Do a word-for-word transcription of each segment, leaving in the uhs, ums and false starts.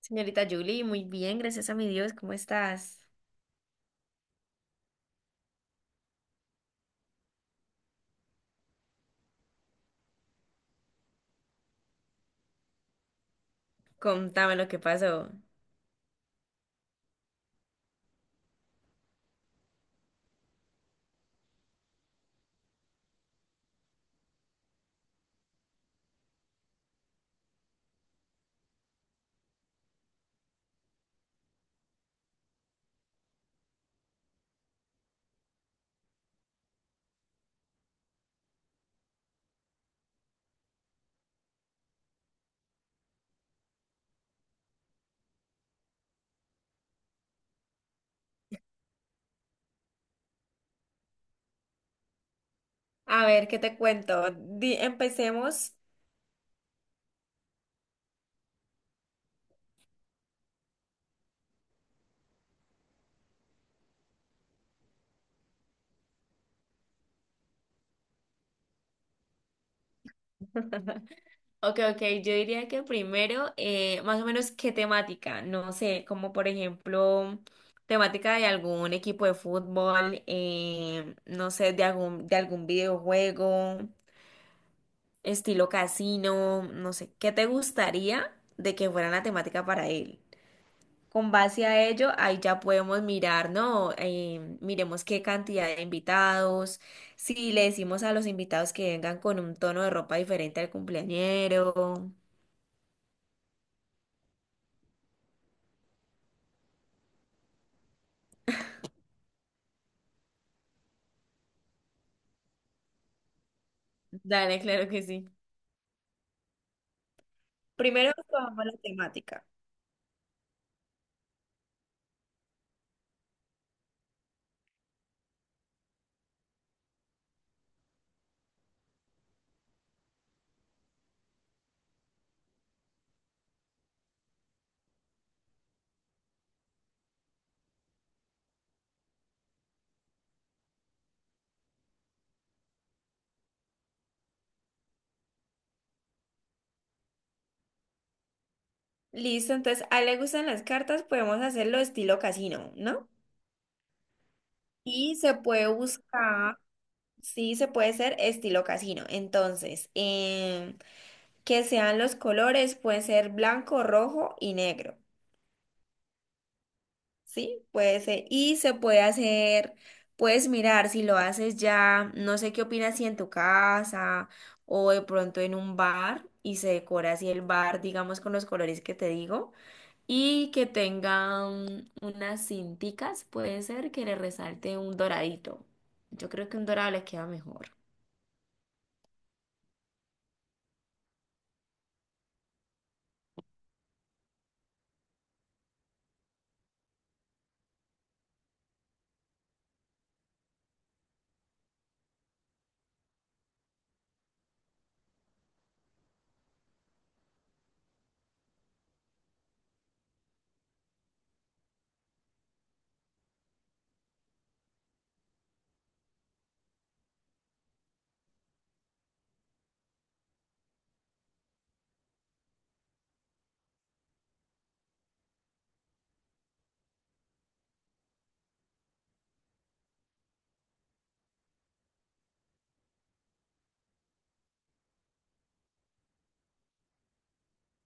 Señorita Julie, muy bien, gracias a mi Dios, ¿cómo estás? Contame lo que pasó. A ver, ¿qué te cuento? Di- empecemos. Ok, ok, yo diría que primero, eh, más o menos, ¿qué temática? No sé, como por ejemplo, temática de algún equipo de fútbol, eh, no sé, de algún, de algún videojuego, estilo casino, no sé, ¿qué te gustaría de que fuera la temática para él? Con base a ello, ahí ya podemos mirar, ¿no? Em, miremos qué cantidad de invitados, si le decimos a los invitados que vengan con un tono de ropa diferente al cumpleañero. Dale, claro que sí. Primero tomamos la temática. Listo, entonces a él le gustan las cartas, podemos hacerlo estilo casino, ¿no? Y se puede buscar, sí, se puede ser estilo casino. Entonces, em, que sean los colores, puede ser blanco, rojo y negro. Sí, puede ser. Y se puede hacer, puedes mirar si lo haces ya, no sé qué opinas si en tu casa o de pronto en un bar y se decora así el bar, digamos, con los colores que te digo y que tengan unas cinticas, puede ser que le resalte un doradito. Yo creo que un dorado le queda mejor.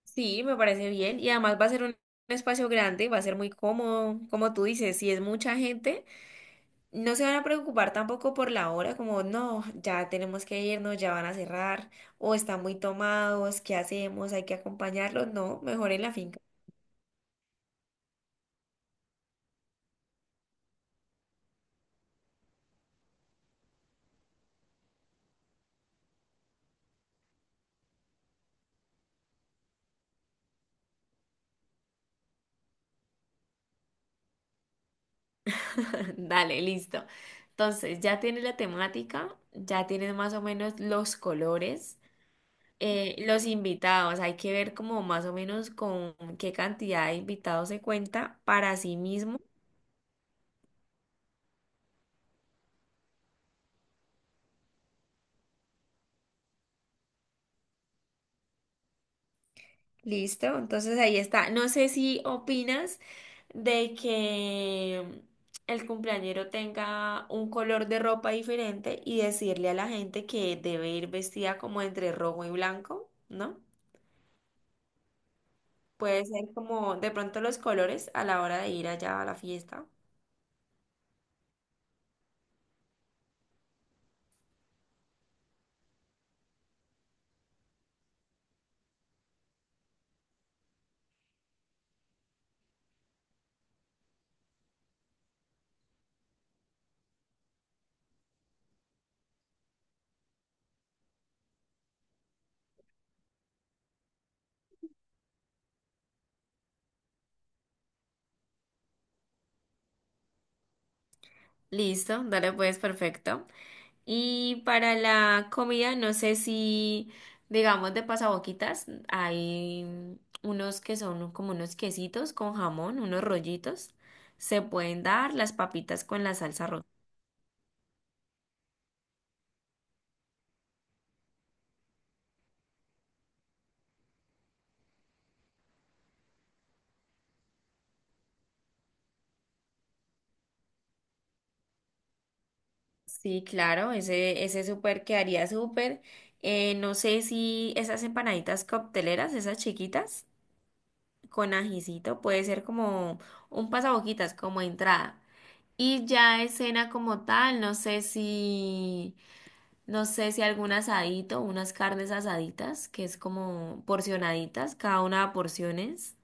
Sí, me parece bien y además va a ser un espacio grande, va a ser muy cómodo, como tú dices, si es mucha gente. No se van a preocupar tampoco por la hora, como no, ya tenemos que irnos, ya van a cerrar, o están muy tomados, ¿qué hacemos? Hay que acompañarlos. No, mejor en la finca. Dale, listo. Entonces, ya tienes la temática, ya tienes más o menos los colores, eh, los invitados. Hay que ver como más o menos con qué cantidad de invitados se cuenta para sí mismo. Listo, entonces ahí está. No sé si opinas de que el cumpleañero tenga un color de ropa diferente y decirle a la gente que debe ir vestida como entre rojo y blanco, ¿no? Puede ser como de pronto los colores a la hora de ir allá a la fiesta. Listo, dale pues, perfecto. Y para la comida, no sé si, digamos, de pasaboquitas, hay unos que son como unos quesitos con jamón, unos rollitos. Se pueden dar las papitas con la salsa roja. Sí, claro, ese, ese súper quedaría súper. Eh, no sé si esas empanaditas cocteleras, esas chiquitas, con ajicito, puede ser como un pasaboquitas, como entrada. Y ya de cena como tal, no sé si. No sé si algún asadito, unas carnes asaditas, que es como porcionaditas, cada una a porciones.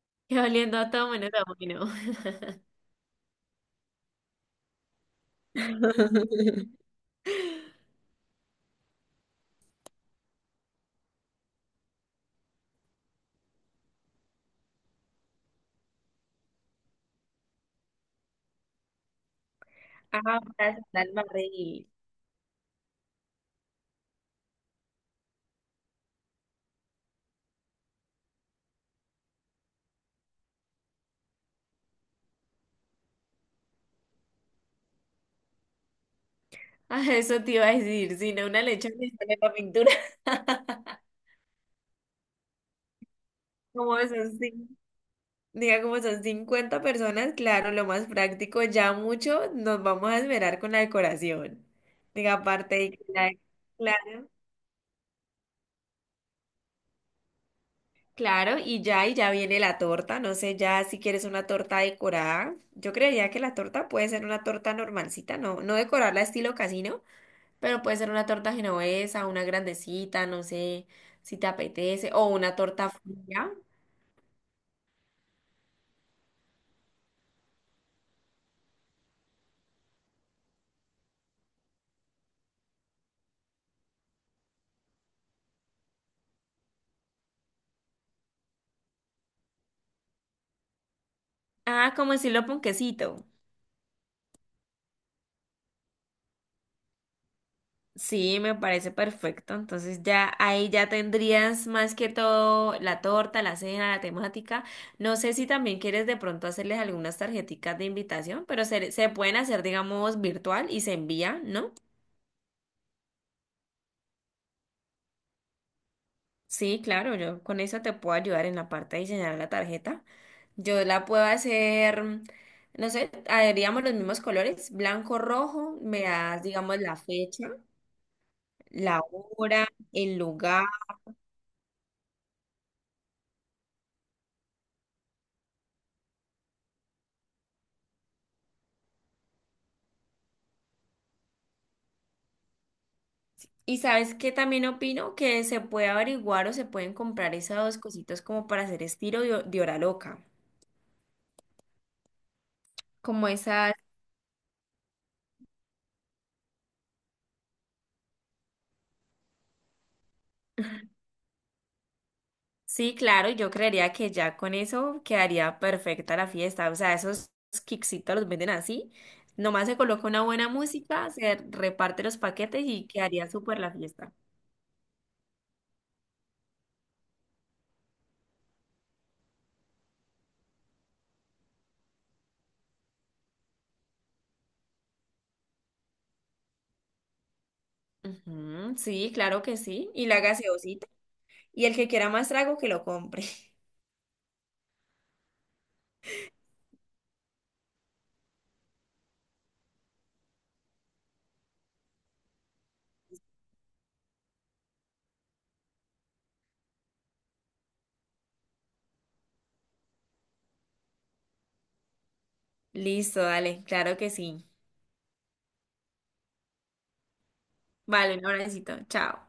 Y oliendo a todo menos a bueno. Ah, para sentar el barril. Ah, eso te iba a decir, si no una lechona y sale la pintura. Como son, cin- Diga, como son cincuenta personas, claro, lo más práctico, ya mucho nos vamos a esperar con la decoración. Diga, aparte, de que la- claro, y ya, y ya viene la torta. No sé ya si quieres una torta decorada. Yo creería que la torta puede ser una torta normalcita, no, no decorarla estilo casino, pero puede ser una torta genovesa, una grandecita, no sé si te apetece, o una torta fría. Ah, como decirlo, ponquecito. Sí, me parece perfecto. Entonces ya ahí ya tendrías más que todo la torta, la cena, la temática. No sé si también quieres de pronto hacerles algunas tarjeticas de invitación, pero se, se pueden hacer, digamos, virtual y se envía, ¿no? Sí, claro, yo con eso te puedo ayudar en la parte de diseñar la tarjeta. Yo la puedo hacer, mm, no sé, haríamos los mismos colores, blanco, rojo, me das, digamos, la fecha, la hora, el lugar. Y sabes que también opino que se puede averiguar o se pueden comprar esas dos cositas como para hacer estilo de, de hora loca. Como esas, sí, claro, yo creería que ya con eso quedaría perfecta la fiesta. O sea, esos kicksitos los venden así. Nomás se coloca una buena música, se reparte los paquetes y quedaría súper la fiesta. Ujú, sí, claro que sí. Y la gaseosita. Y el que quiera más trago, que lo compre. Listo, dale, claro que sí. Vale, un abracito. Chao.